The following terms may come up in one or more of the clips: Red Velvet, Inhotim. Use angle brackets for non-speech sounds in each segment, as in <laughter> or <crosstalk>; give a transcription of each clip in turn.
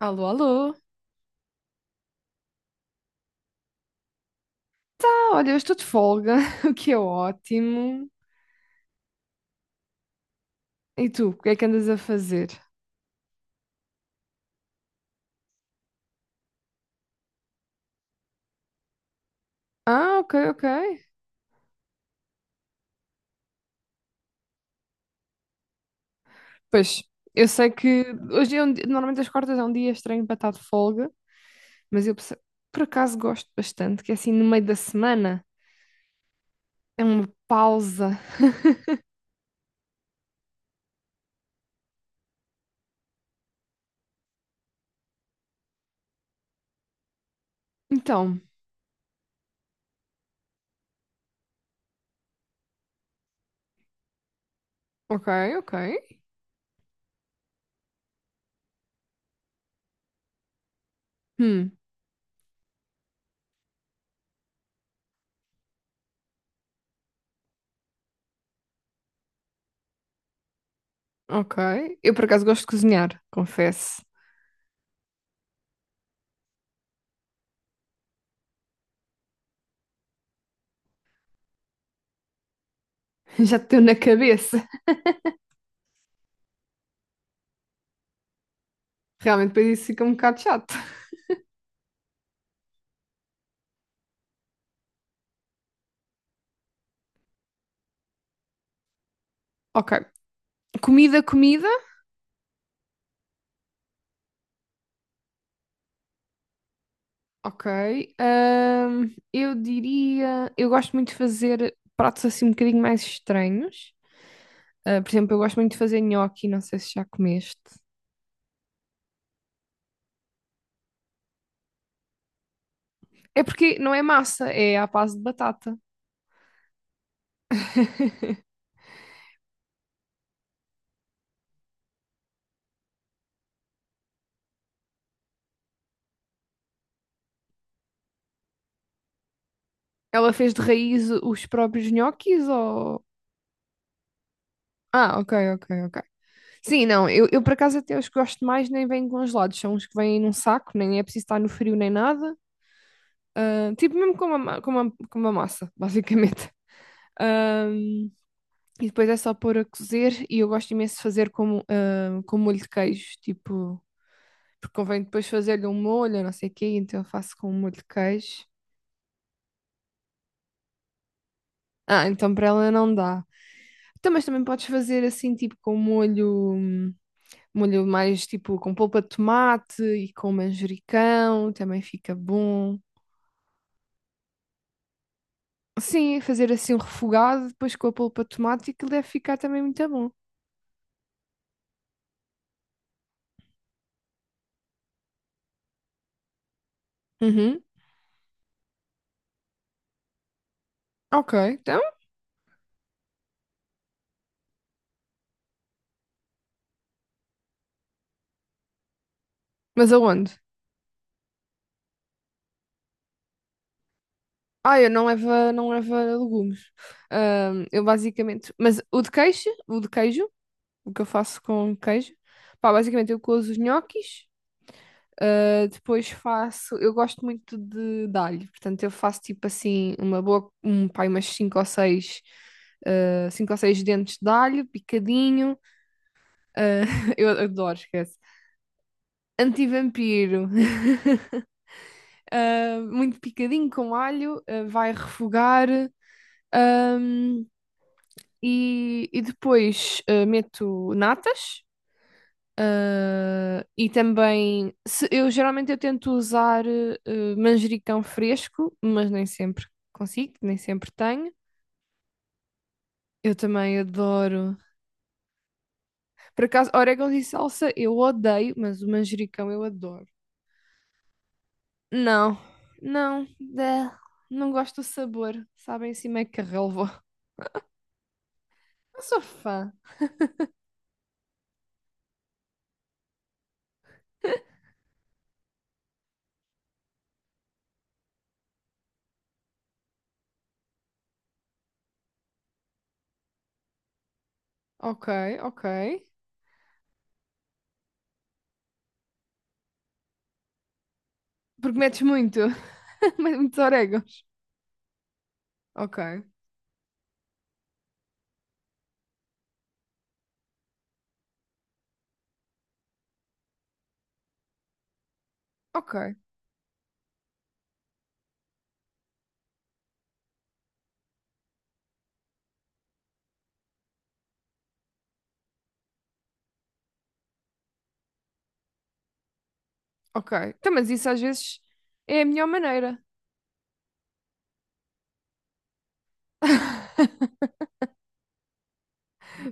Alô, alô. Tá, olha, eu estou de folga, <laughs> o que é ótimo. E tu, o que é que andas a fazer? Ah, ok, ok. Pois, eu sei que hoje é um normalmente as quartas é um dia estranho para estar de folga, mas eu por acaso gosto bastante, que é assim no meio da semana, é uma pausa. <laughs> Então, ok, ok. Hum, ok. Eu por acaso gosto de cozinhar, confesso. <laughs> Já te deu na cabeça. Realmente, depois isso fica um bocado chato. Ok. Comida, comida. Ok. Eu diria. Eu gosto muito de fazer pratos assim um bocadinho mais estranhos. Ah, por exemplo, eu gosto muito de fazer nhoque, não sei se já comeste. É porque não é massa, é à base de batata. <laughs> Ela fez de raiz os próprios nhoques ou. Ah, ok, ok, ok. Sim, não, eu por acaso até os que gosto mais nem vêm congelados, são os que vêm num saco, nem é preciso estar no frio nem nada. Ah, tipo mesmo com uma, com uma, com uma massa, <laughs> basicamente. E depois é só pôr a cozer e eu gosto imenso de fazer com, ah, com molho de queijo, tipo, porque convém depois fazer-lhe um molho, não sei o quê, então eu faço com um molho de queijo. Ah, então para ela não dá. Então, mas também podes fazer assim, tipo, com molho, molho mais tipo com polpa de tomate e com manjericão, também fica bom. Sim, fazer assim um refogado, depois com a polpa de tomate, e que deve ficar também muito bom. Uhum. Ok, então, mas aonde? Ah, eu não levo, não levo legumes. Eu basicamente. Mas o de queijo, o que eu faço com queijo, pá, basicamente eu cozo os nhoquis, ah, depois faço. Eu gosto muito de alho, portanto eu faço tipo assim, uma boa. Um, pá, umas 5 ou 6. Cinco ou seis dentes de alho, picadinho. Ah, <laughs> eu adoro, esquece. Antivampiro, <laughs> ah, muito picadinho com alho, ah, vai refogar. Ahm, e depois meto natas. Ah, e também, eu geralmente eu tento usar manjericão fresco, mas nem sempre consigo, nem sempre tenho. Eu também adoro. Por acaso, orégãos e salsa eu odeio, mas o manjericão eu adoro. Não, não, dá. Não gosto do sabor, sabem assim meio relva. Não sou fã. Ok, ok. Porque metes muito, <laughs> metes muitos orégãos. Ok, ok. Ok. Então, mas isso às vezes é a melhor maneira. <laughs>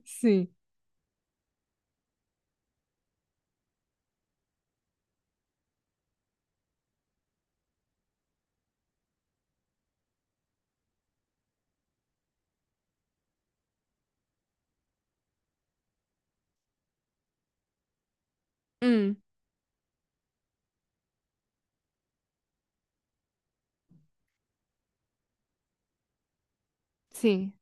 Sim. Hum, sim.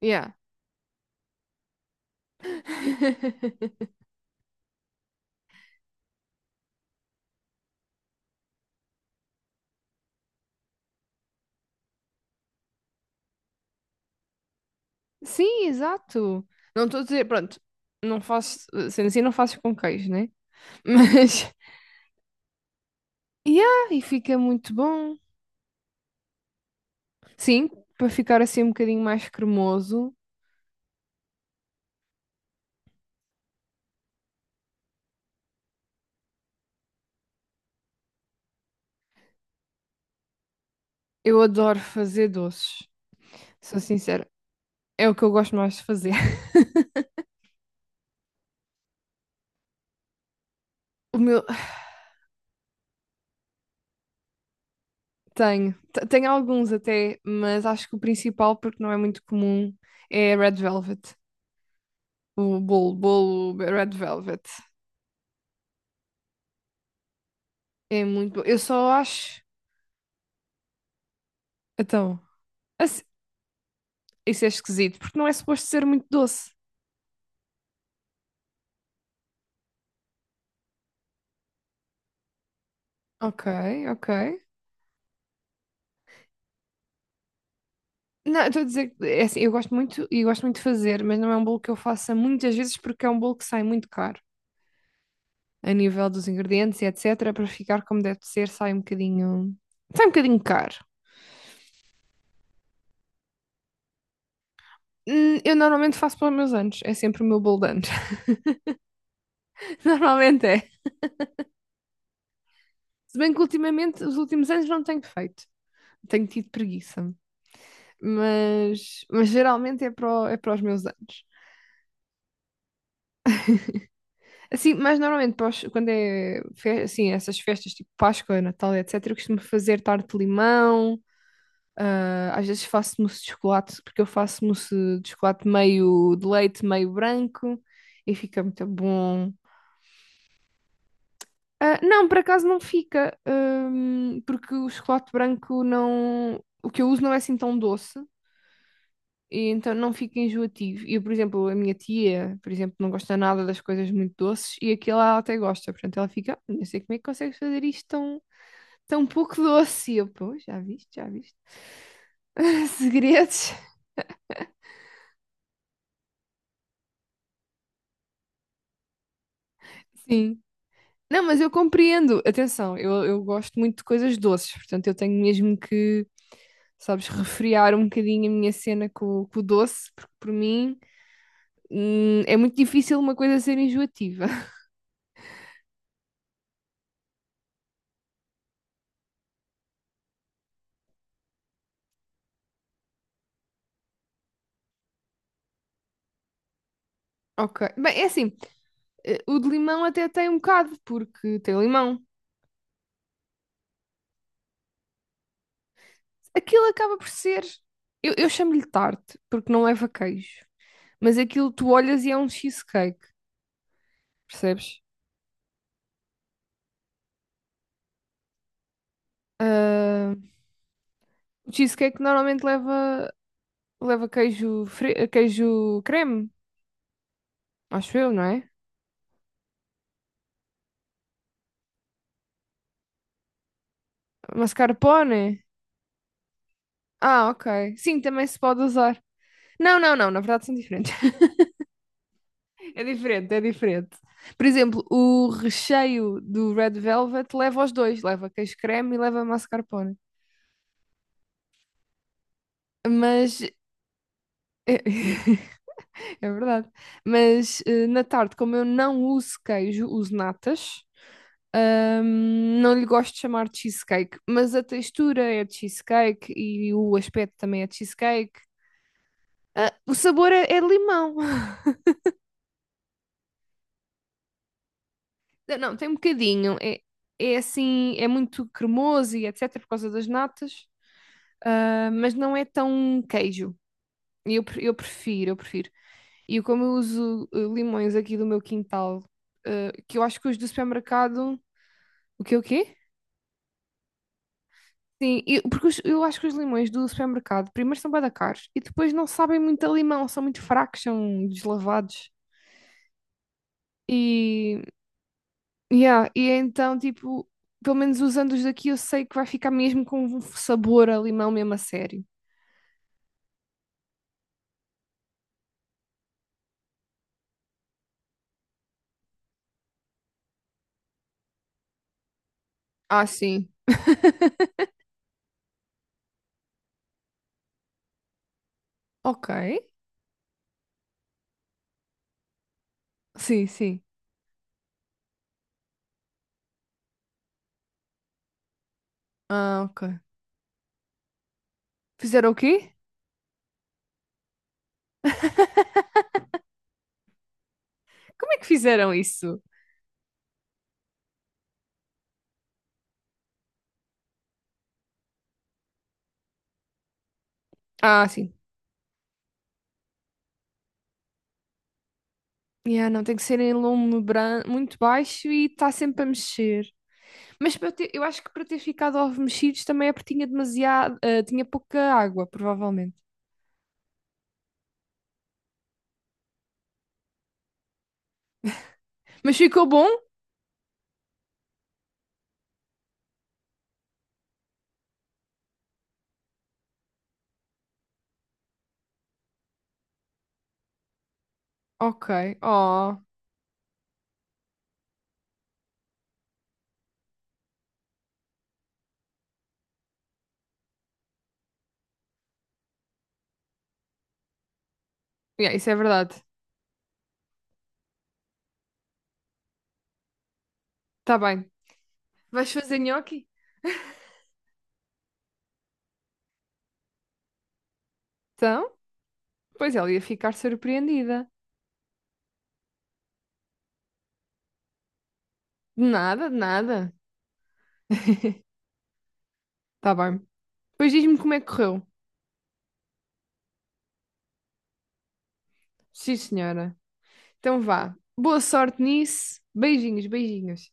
Yeah. <laughs> Sim, exato. Não estou a dizer, pronto, não faço, sendo assim, não faço com queijo, né? Mas, <laughs> yeah, e fica muito bom. Sim, para ficar assim um bocadinho mais cremoso, eu adoro fazer doces, sou sincera. É o que eu gosto mais de fazer. <laughs> O meu, tenho, tenho alguns até, mas acho que o principal, porque não é muito comum, é Red Velvet. O bolo, bolo Red Velvet. É muito bom. Eu só acho. Então, assim, isso é esquisito, porque não é suposto ser muito doce. Ok, ok. Não, eu estou a dizer que é assim, eu gosto muito e gosto muito de fazer, mas não é um bolo que eu faça muitas vezes porque é um bolo que sai muito caro a nível dos ingredientes e etc. Para ficar como deve ser, sai um bocadinho. Sai um bocadinho caro. Eu normalmente faço para os meus anos, é sempre o meu bolo de anos. <laughs> Normalmente é. Se bem que ultimamente, os últimos anos não tenho feito, tenho tido preguiça, mas geralmente é para, é para os meus anos. Assim, mas normalmente para quando é assim, essas festas tipo Páscoa, Natal, etc., eu costumo fazer tarte de limão, ah, às vezes faço mousse de chocolate, porque eu faço mousse de chocolate meio de leite, meio branco, e fica muito bom. Ah, não, por acaso não fica, porque o chocolate branco não. O que eu uso não é assim tão doce, e então não fica enjoativo. E, por exemplo, a minha tia, por exemplo, não gosta nada das coisas muito doces, e aquilo ela até gosta, portanto ela fica, "Ah, não sei como é que consegues fazer isto tão, tão pouco doce." E eu, pô, já viste, já viste. <laughs> Segredos, sim. Não, mas eu compreendo. Atenção, eu gosto muito de coisas doces, portanto eu tenho mesmo que, sabes, refriar um bocadinho a minha cena com o doce, porque por mim, é muito difícil uma coisa ser enjoativa. <laughs> Ok. Bem, é assim, o de limão até tem um bocado, porque tem limão. Aquilo acaba por ser. Eu chamo-lhe tarte, porque não leva queijo. Mas aquilo tu olhas e é um cheesecake, percebes? Ah, o cheesecake normalmente leva. Leva queijo, queijo creme, acho eu, não é? Mascarpone. Ah, ok. Sim, também se pode usar. Não, não, não, na verdade são diferentes. <laughs> É diferente, é diferente. Por exemplo, o recheio do Red Velvet leva os dois, leva queijo creme e leva mascarpone. Mas <laughs> é verdade. Mas na tarde, como eu não uso queijo, uso natas. Não lhe gosto de chamar cheesecake, mas a textura é de cheesecake e o aspecto também é de cheesecake. Ah, o sabor é, é limão. <laughs> Não, não, tem um bocadinho. É, é assim, é muito cremoso e etc. por causa das natas, ah, mas não é tão queijo. E eu, eu prefiro, eu prefiro. E eu, como eu uso limões aqui do meu quintal, que eu acho que os do supermercado. O quê, o quê? Sim, porque eu acho que os limões do supermercado, primeiro são bué da caros e depois não sabem muito a limão, são muito fracos, são deslavados. E, yeah, e é então, tipo, pelo menos usando os daqui, eu sei que vai ficar mesmo com um sabor a limão mesmo a sério. Ah, sim. Ok. Sim, sim. Ah, ok. Fizeram o quê? <laughs> Como é que fizeram isso? Ah, sim. Yeah, não, tem que ser em lume muito baixo e está sempre a mexer. Mas para eu eu acho que para ter ficado ovos mexidos também é porque tinha demasiado, ah, tinha pouca água, provavelmente. Mas ficou bom? Ok. Oh, yeah, isso é verdade. Tá bem. Vais fazer nhoque? <laughs> Então, pois ela ia ficar surpreendida. De nada, de nada. Tá bem. Pois diz-me como é que correu. Sim, senhora. Então vá. Boa sorte nisso. Beijinhos, beijinhos.